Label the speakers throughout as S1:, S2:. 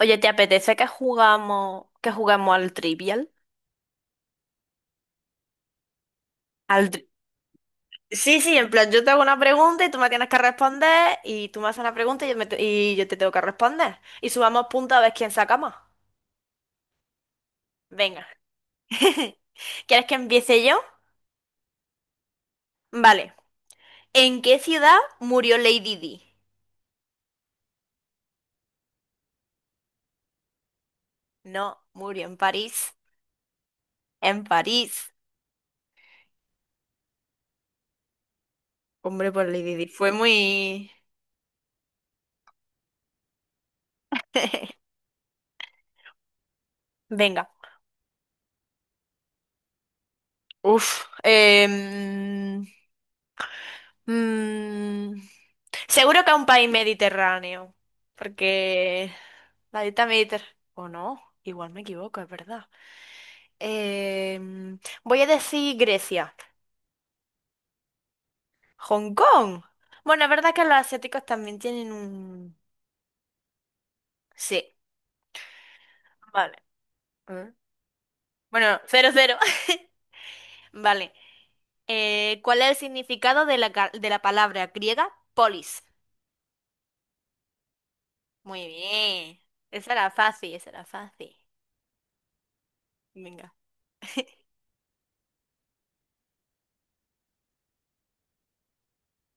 S1: Oye, ¿te apetece que juguemos al trivial? Al tri- Sí, sí, en plan, yo te hago una pregunta y tú me tienes que responder, y tú me haces una pregunta y yo te tengo que responder. Y subamos puntos a ver quién saca más. Venga. ¿Quieres que empiece yo? Vale. ¿En qué ciudad murió Lady Di? No, murió en París. En París. Hombre, pues Lady Di fue muy... Venga. Uf. Mm, Seguro que a un país mediterráneo, porque la dieta mediterránea, o no, igual me equivoco, es verdad. Voy a decir Grecia. Hong Kong. Bueno, es verdad que los asiáticos también tienen un... Sí, vale. ¿Eh? Bueno, cero, cero. Vale. ¿Cuál es el significado de la, de la palabra griega polis? Muy bien. Esa era fácil, esa era fácil. Venga.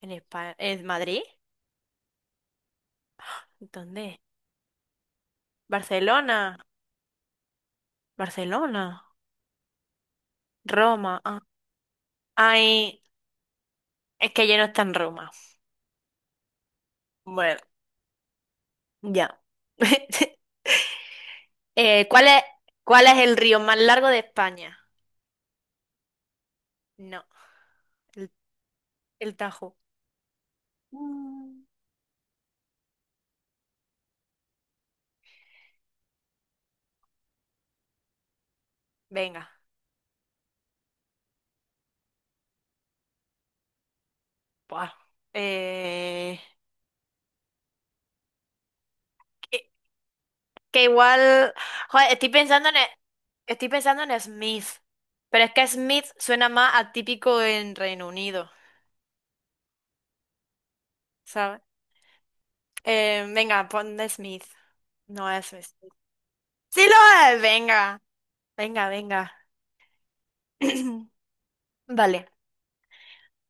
S1: ¿En España? ¿En Madrid? ¿Dónde? Barcelona, Barcelona. Roma. Ah. Ay, es que ya no está en Roma. Bueno, ya. ¿Cuál es ¿cuál es, el río más largo de España? No, el, el Tajo. Mm. Venga. Buah. Eh, que, que igual, joder, estoy pensando en Smith, pero es que Smith suena más atípico en Reino Unido, ¿sabes? Venga, pon de Smith. No es Smith. Sí lo es, venga. Venga, venga. Vale.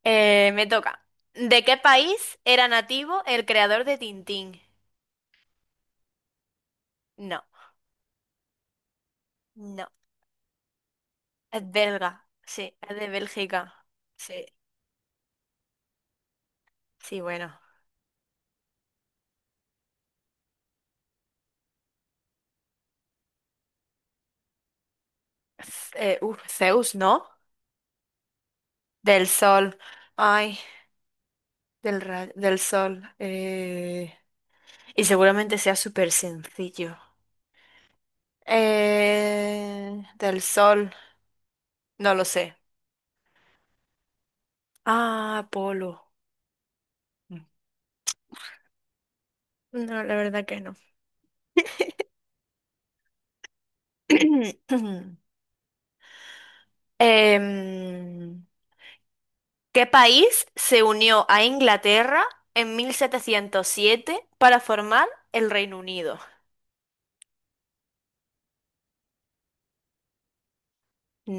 S1: Me toca. ¿De qué país era nativo el creador de Tintín? No, no. Es belga. Sí, es de Bélgica. Sí, sí, bueno. Zeus, ¿no? Del sol. Ay, del sol. Y seguramente sea súper sencillo. Del sol. No lo sé. Ah, polo. Mm. No, la verdad que no. Em, ¿Qué país se unió a Inglaterra en 1707 para formar el Reino Unido?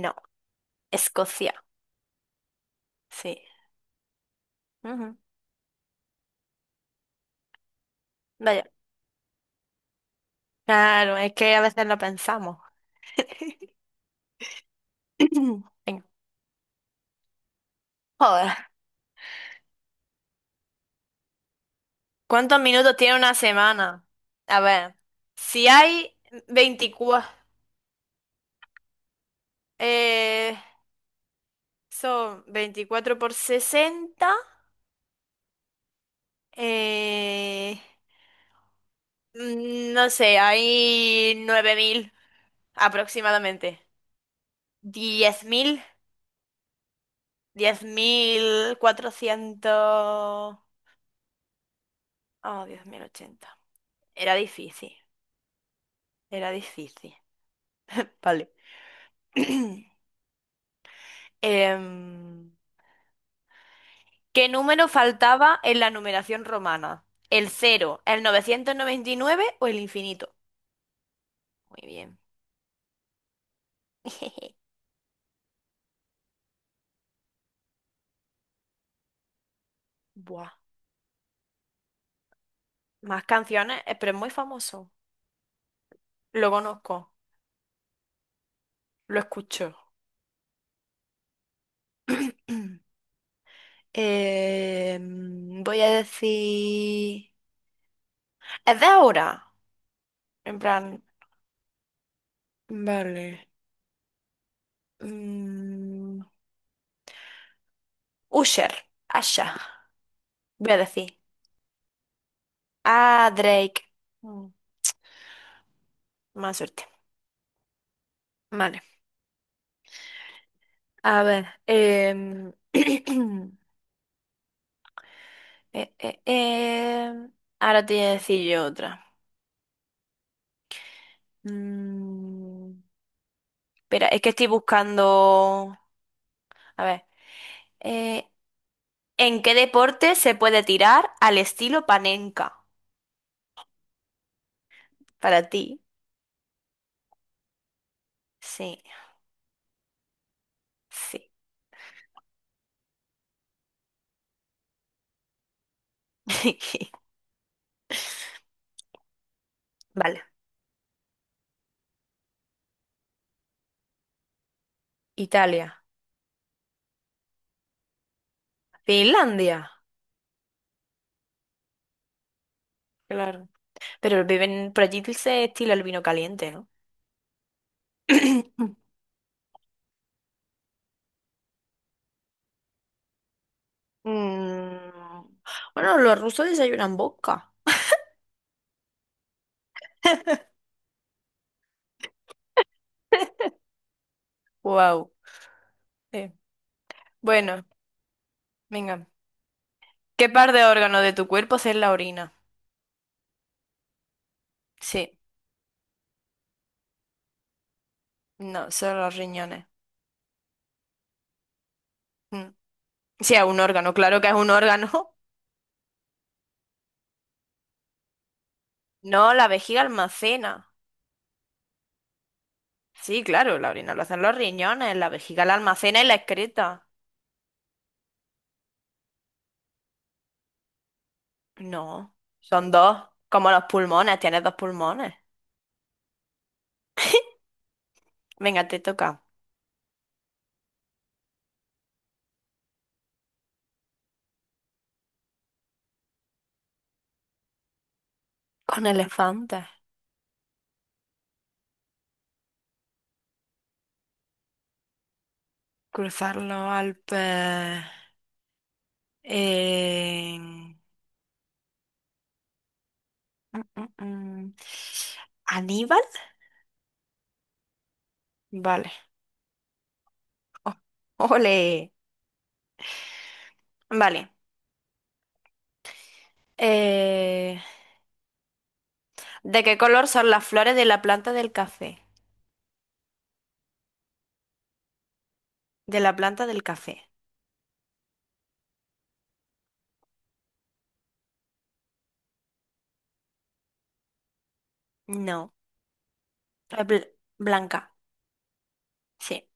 S1: No, Escocia. Sí. Ujú. Vaya. Claro, es que a veces lo pensamos. Venga. Joder. ¿Cuántos minutos tiene una semana? A ver. Si hay 24, eh, son 24 por 60. Eh, no sé, hay 9000 aproximadamente. 10.000. 10.400. Oh, 10.080. Era difícil, era difícil. Vale. Em, ¿Qué número faltaba en la numeración romana? ¿El cero, el 999 o el infinito? Muy bien. Buah. Más canciones, pero es muy famoso. Lo conozco, lo escucho. Voy a decir... Es de ahora. En plan... Vale. Mm, Usher. Asha. Voy a decir. Ah, Drake. Mm, Más suerte. Vale. A ver. Eh, eh, em, Ahora te voy a decir yo otra. Mm. Espera, es que estoy buscando... A ver. eh, ¿En qué deporte se puede tirar al estilo panenka? Para ti. Sí, sí. Vale. Italia. Finlandia. Claro. Pero viven por allí se estila el vino caliente, ¿no? Mm, Bueno, los rusos desayunan boca. Wow. Bueno, venga. ¿Qué par de órganos de tu cuerpo es la orina? Sí, no, son los riñones. Mm. Sí, es un órgano, claro que es un órgano. No, la vejiga almacena. Sí, claro, la orina lo hacen los riñones, la vejiga la almacena y la excreta. No, son dos, como los pulmones, tienes dos pulmones. Venga, te toca. Con elefantes. Cruzar los Alpes. en- Mm, mm, mm. ¿Aníbal? Vale. O- Ole. Vale. Eh, ¿De qué color son las flores de la planta del café? De la planta del café. No. Es blanca. Sí.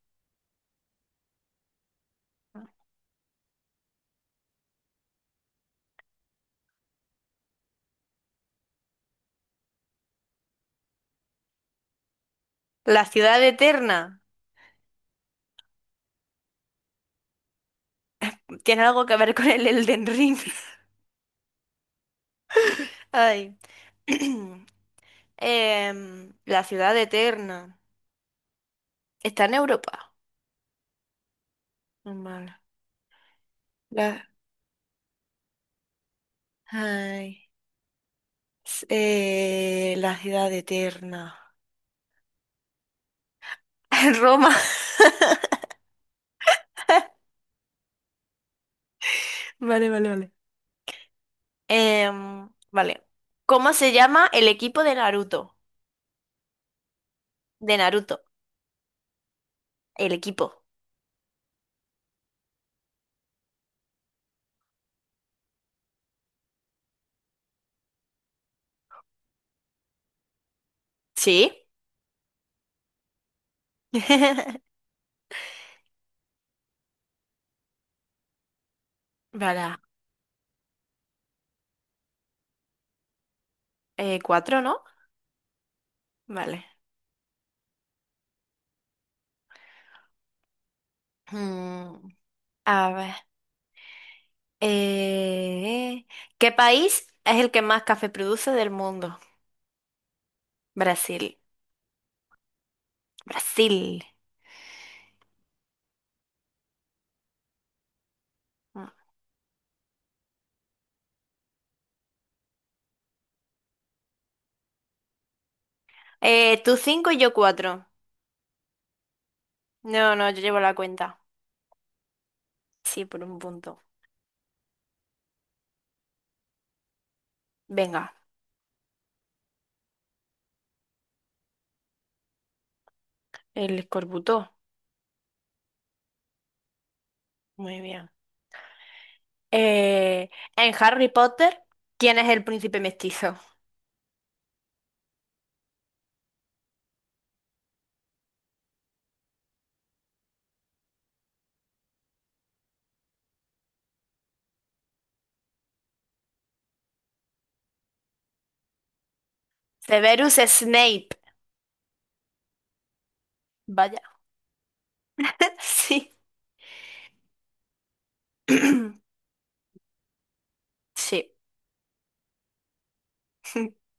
S1: La ciudad eterna. Tiene algo que ver con el Elden Ring. Ay. La ciudad eterna. Está en Europa. Normal. La, Ay. La ciudad eterna. Roma. Vale, vale, vale. Vale. ¿Cómo se llama el equipo de Naruto? De Naruto. El equipo. ¿Sí? Vale. Cuatro, ¿no? Vale. Mm, a ver. Eh, ¿Qué país es el que más café produce del mundo? Brasil. Brasil. Mm. Tú cinco y yo cuatro. No, no, yo llevo la cuenta. Sí, por un punto. Venga, el escorbuto. Muy bien. Eh, en Harry Potter, ¿quién es el príncipe mestizo? Severus Snape. Vaya. Sí. Sí.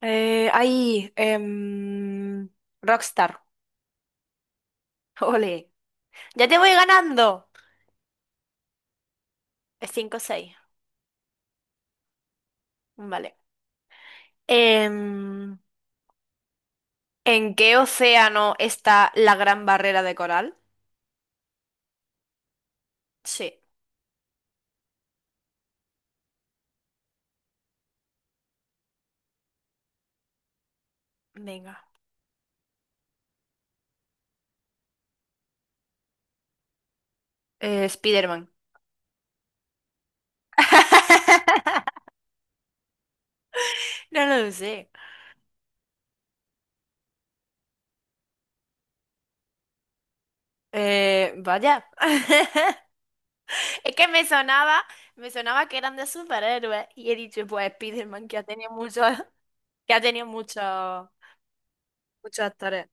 S1: Ahí, Rockstar. Ole. Ya te voy ganando. Cinco, seis. Vale. Em, ¿En qué océano está la Gran Barrera de Coral? Sí, venga. Spiderman. No lo sé. Vaya. Es que me sonaba que eran de superhéroes y he dicho, pues Spiderman, que ha tenido muchos. Que ha tenido muchos, muchos actores.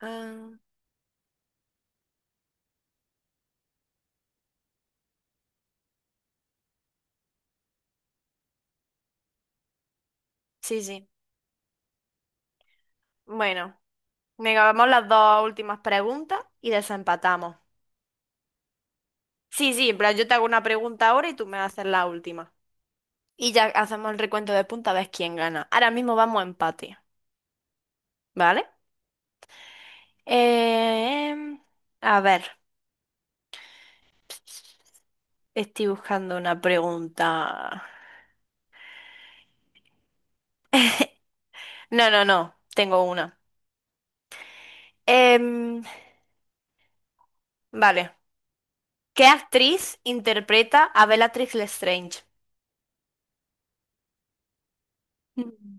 S1: Ah, sí, sí. Bueno, venga, vamos las dos últimas preguntas y desempatamos. Sí, sí, en plan, yo te hago una pregunta ahora y tú me haces la última. Y ya hacemos el recuento de punta a ver quién gana. Ahora mismo vamos a empate, ¿vale? Em, a ver, estoy buscando una pregunta. No, no, no, tengo una. Em, vale. ¿Qué actriz interpreta a Bellatrix Lestrange? Mm.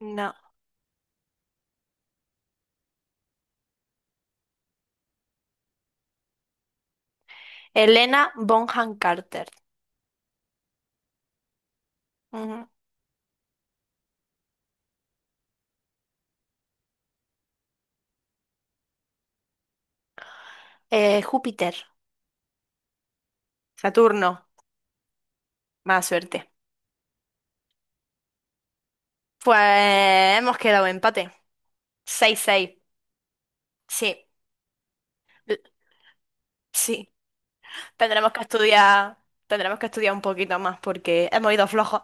S1: No. Helena Bonham Carter. Ujú. Júpiter. Saturno. Más suerte. Pues hemos quedado empate. 6-6, sí, l- sí. Tendremos que estudiar, tendremos que estudiar un poquito más porque hemos ido flojos.